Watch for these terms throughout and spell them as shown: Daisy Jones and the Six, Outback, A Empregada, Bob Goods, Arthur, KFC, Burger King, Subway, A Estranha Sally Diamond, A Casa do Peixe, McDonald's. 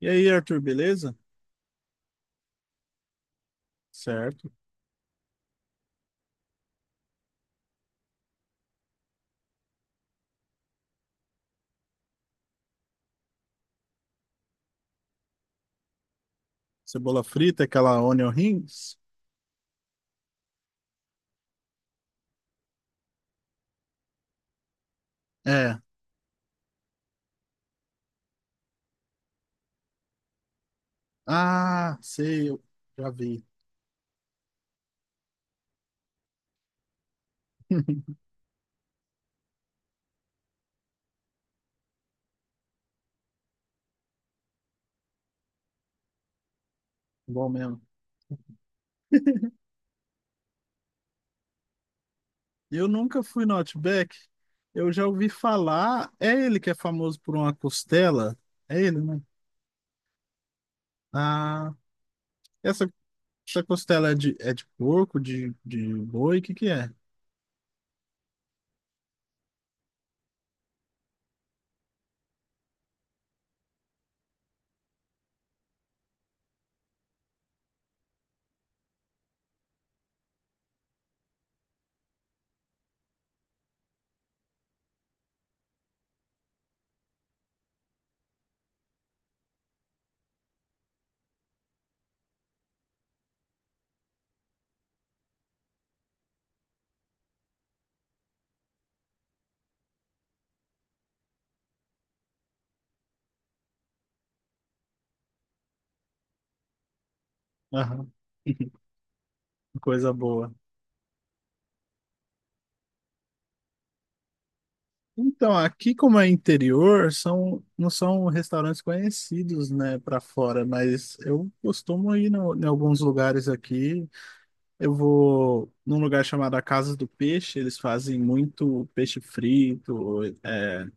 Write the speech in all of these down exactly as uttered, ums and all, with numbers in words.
E aí, Arthur, beleza? Certo. Cebola frita, aquela onion rings? É. Ah, sei, eu já vi. Bom mesmo. Eu nunca fui no Outback. Eu já ouvi falar. É ele que é famoso por uma costela? É ele, né? Ah, essa, essa costela é de, é de porco, de, de boi? O que que é? Aham. Coisa boa. Então, aqui como é interior, são, não são restaurantes conhecidos, né, para fora, mas eu costumo ir no- em alguns lugares aqui. Eu vou num lugar chamado A Casa do Peixe, eles fazem muito peixe frito, é,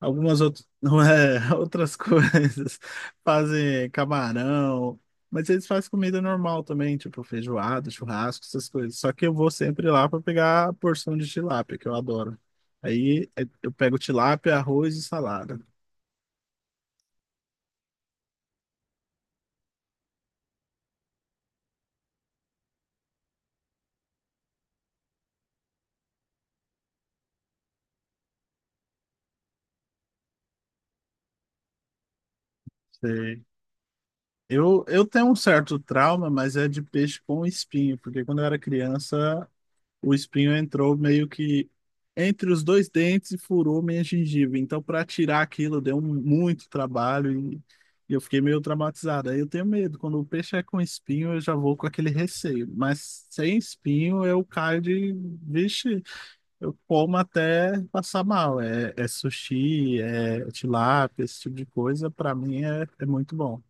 Algumas outras, não é, outras coisas. Fazem camarão, mas eles fazem comida normal também, tipo feijoada, churrasco, essas coisas. Só que eu vou sempre lá para pegar a porção de tilápia, que eu adoro. Aí eh, eu pego tilápia, arroz e salada. Sei. Eu, eu tenho um certo trauma, mas é de peixe com espinho, porque quando eu era criança o espinho entrou meio que entre os dois dentes e furou minha gengiva. Então, para tirar aquilo, deu um, muito trabalho e e eu fiquei meio traumatizado. Aí eu tenho medo. Quando o peixe é com espinho, eu já vou com aquele receio. Mas sem espinho, eu caio de. Vixe, eu como até passar mal. É, é sushi, é tilápia, esse tipo de coisa. Para mim é, é muito bom.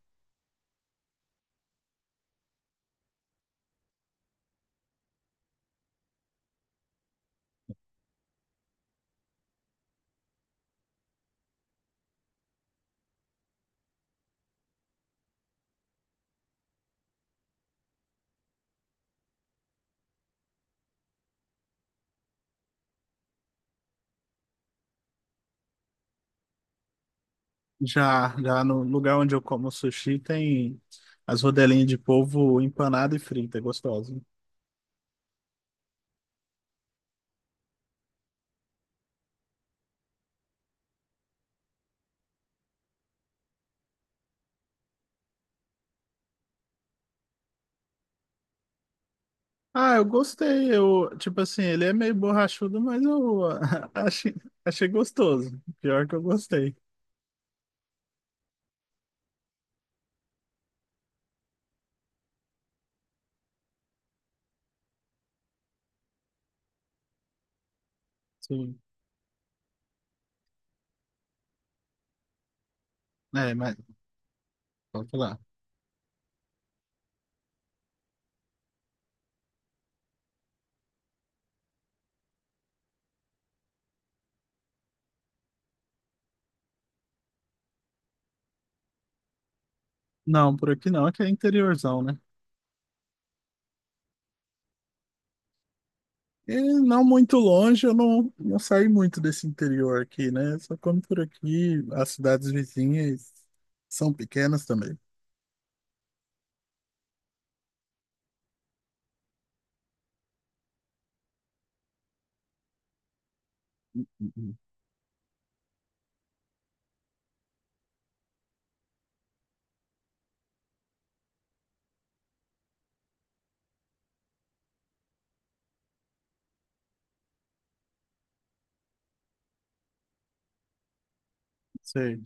Já, já no lugar onde eu como sushi tem as rodelinhas de polvo empanada e frita, é gostoso. Ah, eu gostei. Eu, tipo assim, ele é meio borrachudo, mas eu achei, achei gostoso. Pior que eu gostei. Sim. É, mas pode falar. Não, por aqui não, aqui é interiorzão, né? E não muito longe, eu não, não saí muito desse interior aqui, né? Só como por aqui, as cidades vizinhas são pequenas também. Uhum. Sei.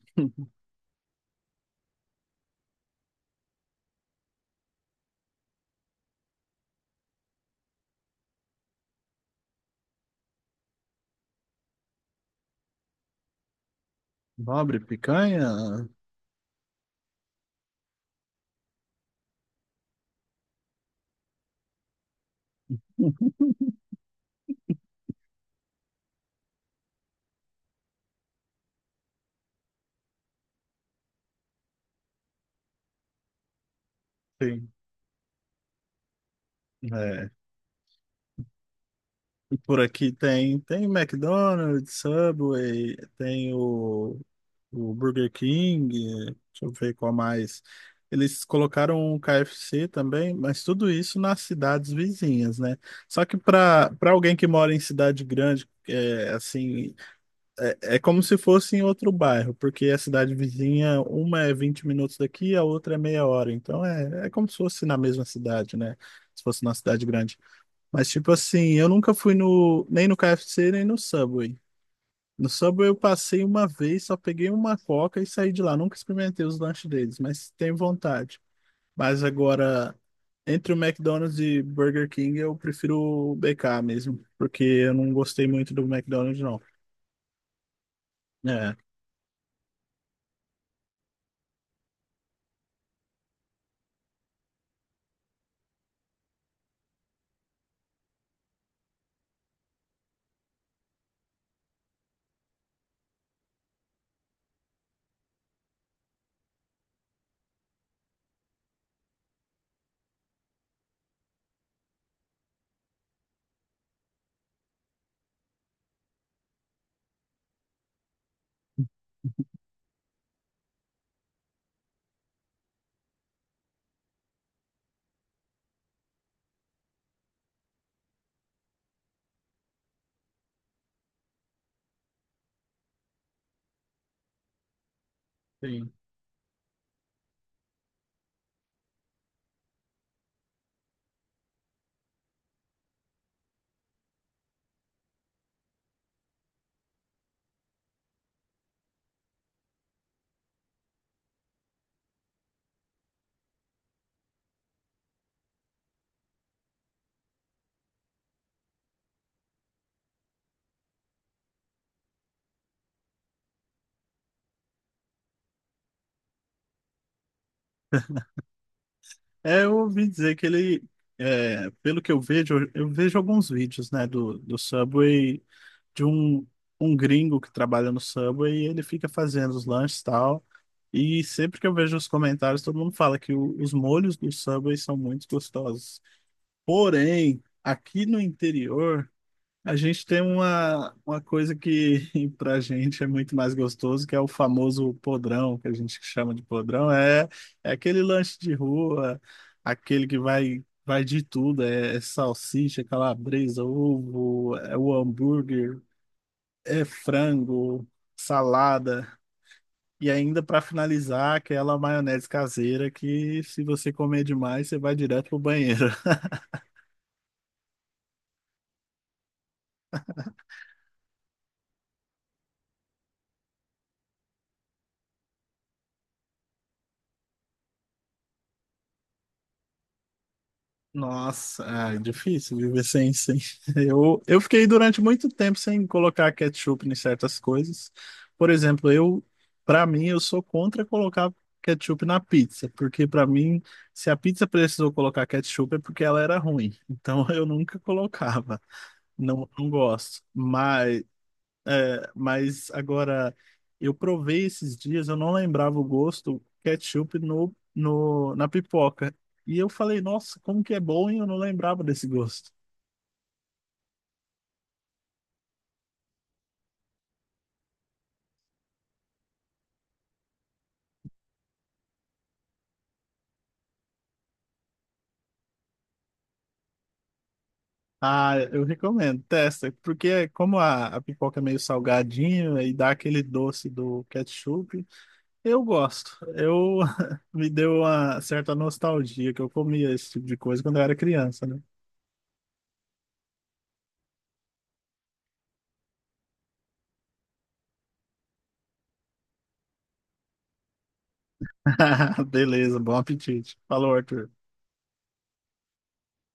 Nobre, picanha. Sim, é. E por aqui tem, tem McDonald's, Subway, tem o, o Burger King, eh, deixa eu ver qual mais. Eles colocaram o K F C também, mas tudo isso nas cidades vizinhas, né? Só que para para alguém que mora em cidade grande, é, assim, é, é como se fosse em outro bairro, porque a cidade vizinha, uma é vinte minutos daqui, a outra é meia hora. Então é, é como se fosse na mesma cidade, né? Se fosse na cidade grande. Mas, tipo assim, eu nunca fui no, nem no K F C, nem no Subway. No Subway eu passei uma vez, só peguei uma coca e saí de lá. Nunca experimentei os lanches deles, mas tenho vontade. Mas agora, entre o McDonald's e Burger King, eu prefiro o B K mesmo, porque eu não gostei muito do McDonald's, não. É, sim. É, eu ouvi dizer que ele, é, pelo que eu vejo, eu vejo, alguns vídeos, né, do, do Subway de um, um gringo que trabalha no Subway e ele fica fazendo os lanches e tal. E sempre que eu vejo os comentários, todo mundo fala que o- os molhos do Subway são muito gostosos. Porém, aqui no interior, a gente tem uma, uma coisa que pra gente é muito mais gostoso, que é o famoso podrão, que a gente chama de podrão. É, é aquele lanche de rua, aquele que vai, vai de tudo, é, é salsicha, calabresa, ovo, é o hambúrguer, é frango, salada e ainda para finalizar aquela maionese caseira que se você comer demais você vai direto pro banheiro. Nossa, ah, é difícil viver sem, sem. Eu, eu fiquei durante muito tempo sem colocar ketchup em certas coisas. Por exemplo, eu, para mim, eu sou contra colocar ketchup na pizza, porque para mim, se a pizza precisou colocar ketchup é porque ela era ruim. Então eu nunca colocava. Não, não gosto. Mas. É, mas agora eu provei esses dias, eu não lembrava o gosto ketchup no, no, na pipoca. E eu falei, nossa, como que é bom e eu não lembrava desse gosto. Ah, eu recomendo, testa, porque como a, a pipoca é meio salgadinha e dá aquele doce do ketchup, eu gosto. Eu me deu uma certa nostalgia que eu comia esse tipo de coisa quando eu era criança, né? Beleza, bom apetite. Falou, Arthur.